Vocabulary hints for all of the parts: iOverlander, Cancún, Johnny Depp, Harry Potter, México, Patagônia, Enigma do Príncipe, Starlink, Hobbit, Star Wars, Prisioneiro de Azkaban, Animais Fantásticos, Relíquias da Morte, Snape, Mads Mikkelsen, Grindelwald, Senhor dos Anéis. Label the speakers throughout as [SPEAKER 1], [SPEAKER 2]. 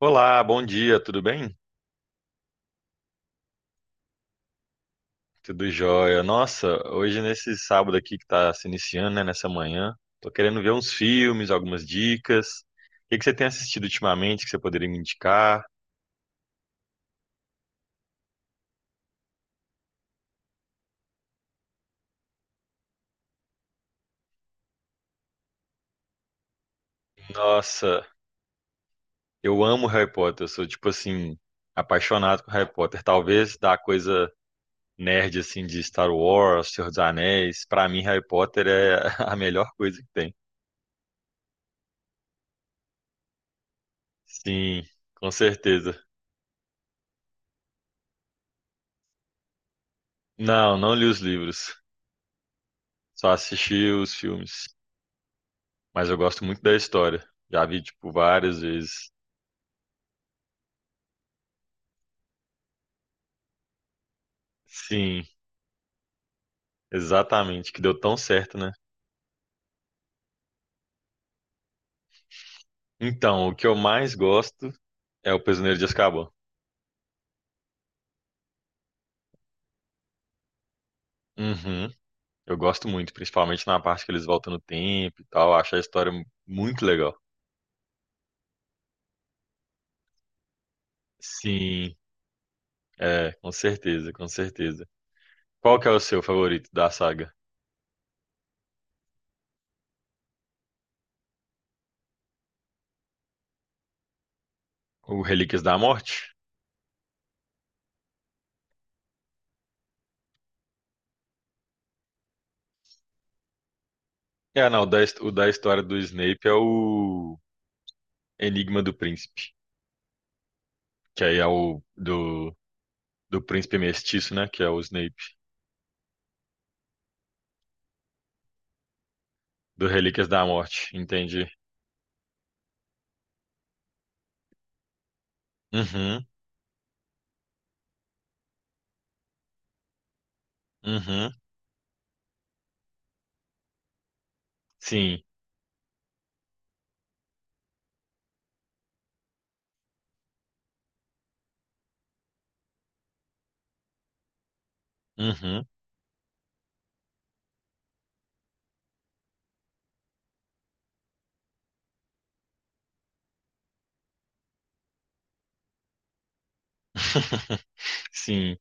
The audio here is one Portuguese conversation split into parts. [SPEAKER 1] Olá, bom dia, tudo bem? Tudo jóia. Nossa, hoje nesse sábado aqui que tá se iniciando, né, nessa manhã, tô querendo ver uns filmes, algumas dicas. O que que você tem assistido ultimamente que você poderia me indicar? Nossa, eu amo Harry Potter, eu sou tipo assim, apaixonado por Harry Potter. Talvez da coisa nerd assim de Star Wars, Senhor dos Anéis, pra mim Harry Potter é a melhor coisa que tem. Sim, com certeza. Não, não li os livros, só assisti os filmes. Mas eu gosto muito da história. Já vi, tipo, várias vezes. Sim, exatamente, que deu tão certo, né? Então, o que eu mais gosto é o Prisioneiro de Azkaban. Uhum, eu gosto muito, principalmente na parte que eles voltam no tempo e tal. Acho a história muito legal. Sim, é, com certeza, com certeza. Qual que é o seu favorito da saga? O Relíquias da Morte? É, não, o da história do Snape é o Enigma do Príncipe, que aí é o do príncipe mestiço, né? Que é o Snape, do Relíquias da Morte, entendi. Uhum, uhum, sim, uhum. Sim,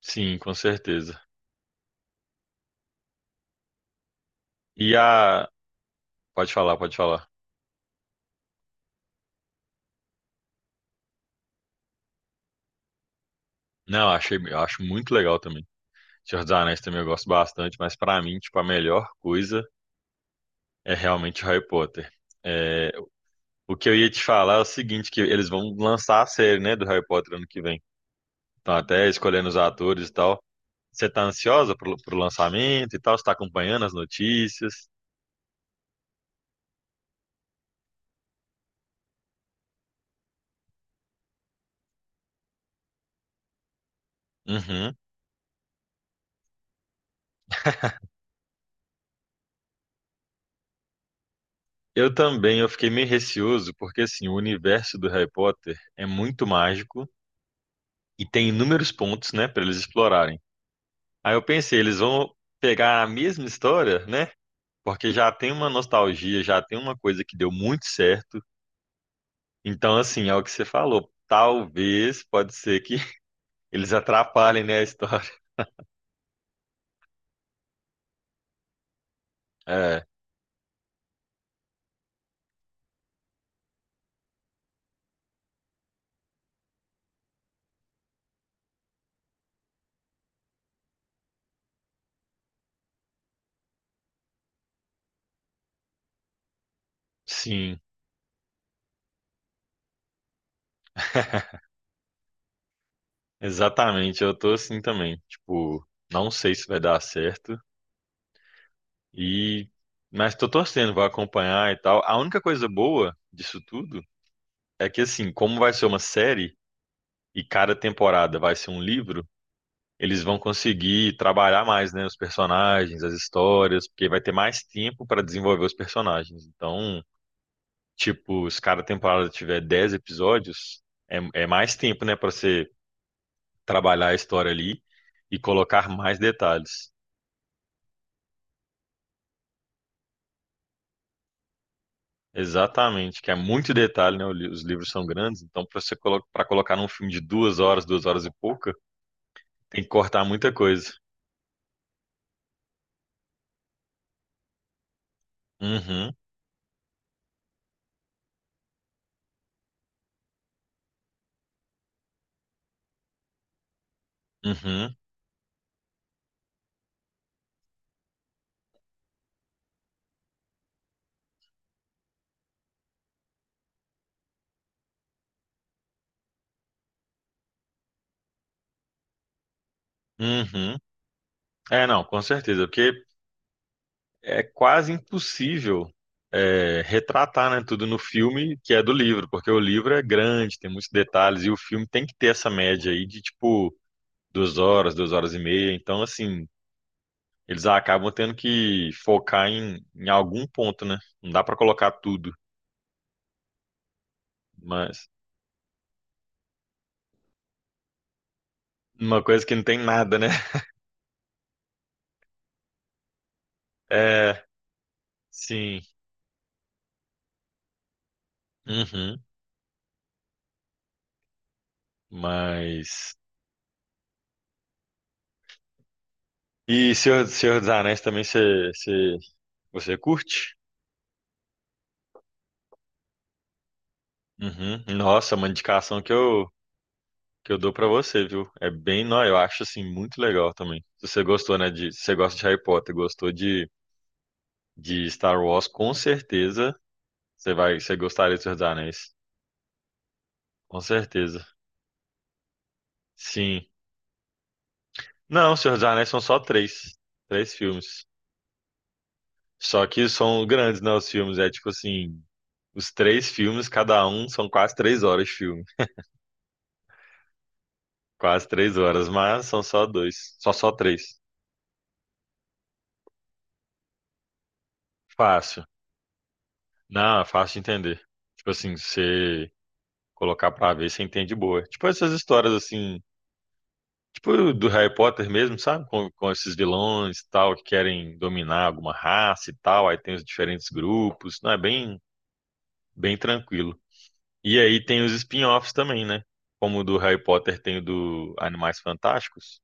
[SPEAKER 1] sim, com certeza. E a. Pode falar, pode falar. Não, achei, eu acho muito legal também. Senhor dos Anéis também eu gosto bastante, mas pra mim, tipo, a melhor coisa é realmente Harry Potter. É, o que eu ia te falar é o seguinte, que eles vão lançar a série, né, do Harry Potter ano que vem. Estão até escolhendo os atores e tal. Você está ansiosa pro lançamento e tal? Você tá acompanhando as notícias? Uhum. Eu também, eu fiquei meio receoso, porque assim, o universo do Harry Potter é muito mágico e tem inúmeros pontos, né, para eles explorarem. Aí eu pensei, eles vão pegar a mesma história, né? Porque já tem uma nostalgia, já tem uma coisa que deu muito certo. Então, assim, é o que você falou. Talvez, pode ser que eles atrapalhem, né, a história. É, sim. Exatamente, eu tô assim também. Tipo, não sei se vai dar certo e mas tô torcendo, vou acompanhar e tal. A única coisa boa disso tudo é que assim, como vai ser uma série e cada temporada vai ser um livro, eles vão conseguir trabalhar mais, né, os personagens, as histórias, porque vai ter mais tempo para desenvolver os personagens. Então, tipo, se cada temporada tiver 10 episódios, é, é mais tempo, né, para você trabalhar a história ali e colocar mais detalhes. Exatamente, que é muito detalhe, né? Os livros são grandes, então para você colocar num filme de 2 horas, 2 horas e pouca, tem que cortar muita coisa. Uhum, uhum, uhum. É, não, com certeza, porque é quase impossível é, retratar, né, tudo no filme que é do livro, porque o livro é grande, tem muitos detalhes, e o filme tem que ter essa média aí de tipo 2 horas, 2 horas e meia. Então, assim, eles acabam tendo que focar em algum ponto, né? Não dá para colocar tudo. Mas Uma coisa que não tem nada, né? É, sim. Uhum. Mas. E Senhor dos Anéis também você curte? Uhum. Nossa, uma indicação que eu dou pra você, viu? É bem, não, eu acho assim muito legal também. Se você gostou, né, se você gosta de Harry Potter, gostou de Star Wars, com certeza você gostaria de Senhor dos Anéis. Com certeza. Sim. Não, Senhor dos Anéis são só três filmes. Só que são grandes, né, os filmes. É tipo assim, os três filmes, cada um, são quase 3 horas de filme. Quase 3 horas, mas são só dois. Só três. Fácil. Não, é fácil de entender. Tipo assim, você colocar pra ver, você entende boa. Tipo essas histórias assim, tipo do Harry Potter mesmo, sabe? Com esses vilões e tal, que querem dominar alguma raça e tal. Aí tem os diferentes grupos. Não, é bem, bem tranquilo. E aí tem os spin-offs também, né? Como o do Harry Potter tem o do Animais Fantásticos,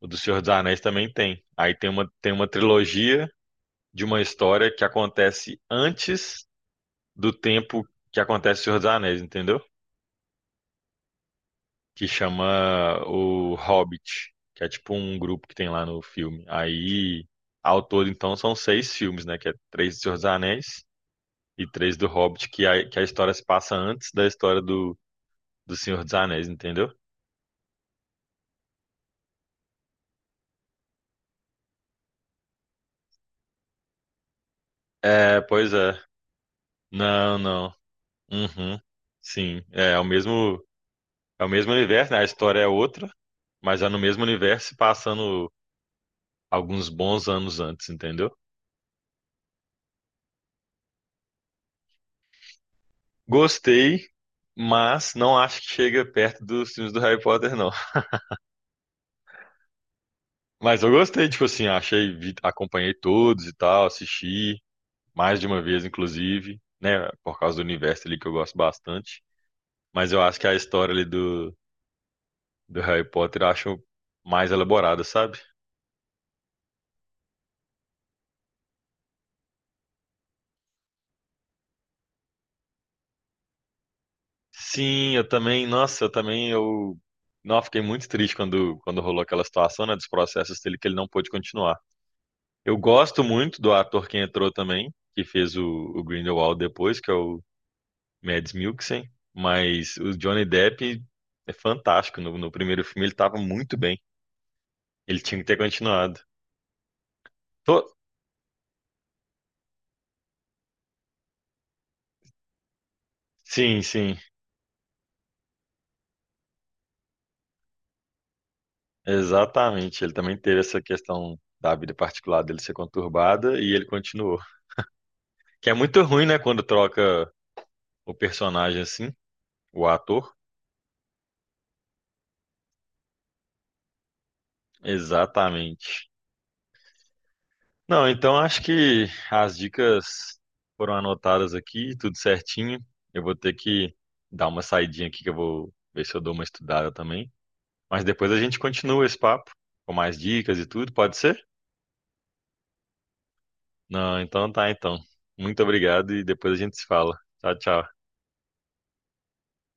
[SPEAKER 1] o do Senhor dos Anéis também tem. Aí tem uma trilogia de uma história que acontece antes do tempo que acontece o Senhor dos Anéis, entendeu? Que chama o Hobbit, que é tipo um grupo que tem lá no filme. Aí, ao todo, então, são seis filmes, né? Que é três do Senhor dos Anéis e três do Hobbit, que a história se passa antes da história do Senhor dos Anéis, entendeu? É, pois é. Não, não. Uhum. Sim, é o mesmo universo, né? A história é outra, mas é no mesmo universo, passando alguns bons anos antes, entendeu? Gostei, mas não acho que chega perto dos filmes do Harry Potter, não. Mas eu gostei, tipo assim, achei, acompanhei todos e tal, assisti mais de uma vez, inclusive, né? Por causa do universo ali que eu gosto bastante. Mas eu acho que a história ali do Harry Potter eu acho mais elaborada, sabe? Sim, eu também, nossa, eu também, não, fiquei muito triste quando rolou aquela situação, né, dos processos dele, que ele não pôde continuar. Eu gosto muito do ator que entrou também, que fez o Grindelwald depois, que é o Mads Mikkelsen, mas o Johnny Depp é fantástico, no primeiro filme ele estava muito bem, ele tinha que ter continuado. Tô- Sim, sim, exatamente, ele também teve essa questão da vida particular dele ser conturbada e ele continuou. Que é muito ruim, né, quando troca o personagem assim, o ator. Exatamente. Não, então acho que as dicas foram anotadas aqui, tudo certinho. Eu vou ter que dar uma saidinha aqui que eu vou ver se eu dou uma estudada também. Mas depois a gente continua esse papo com mais dicas e tudo, pode ser? Não, então tá, então. Muito obrigado e depois a gente se fala. Tchau, tchau.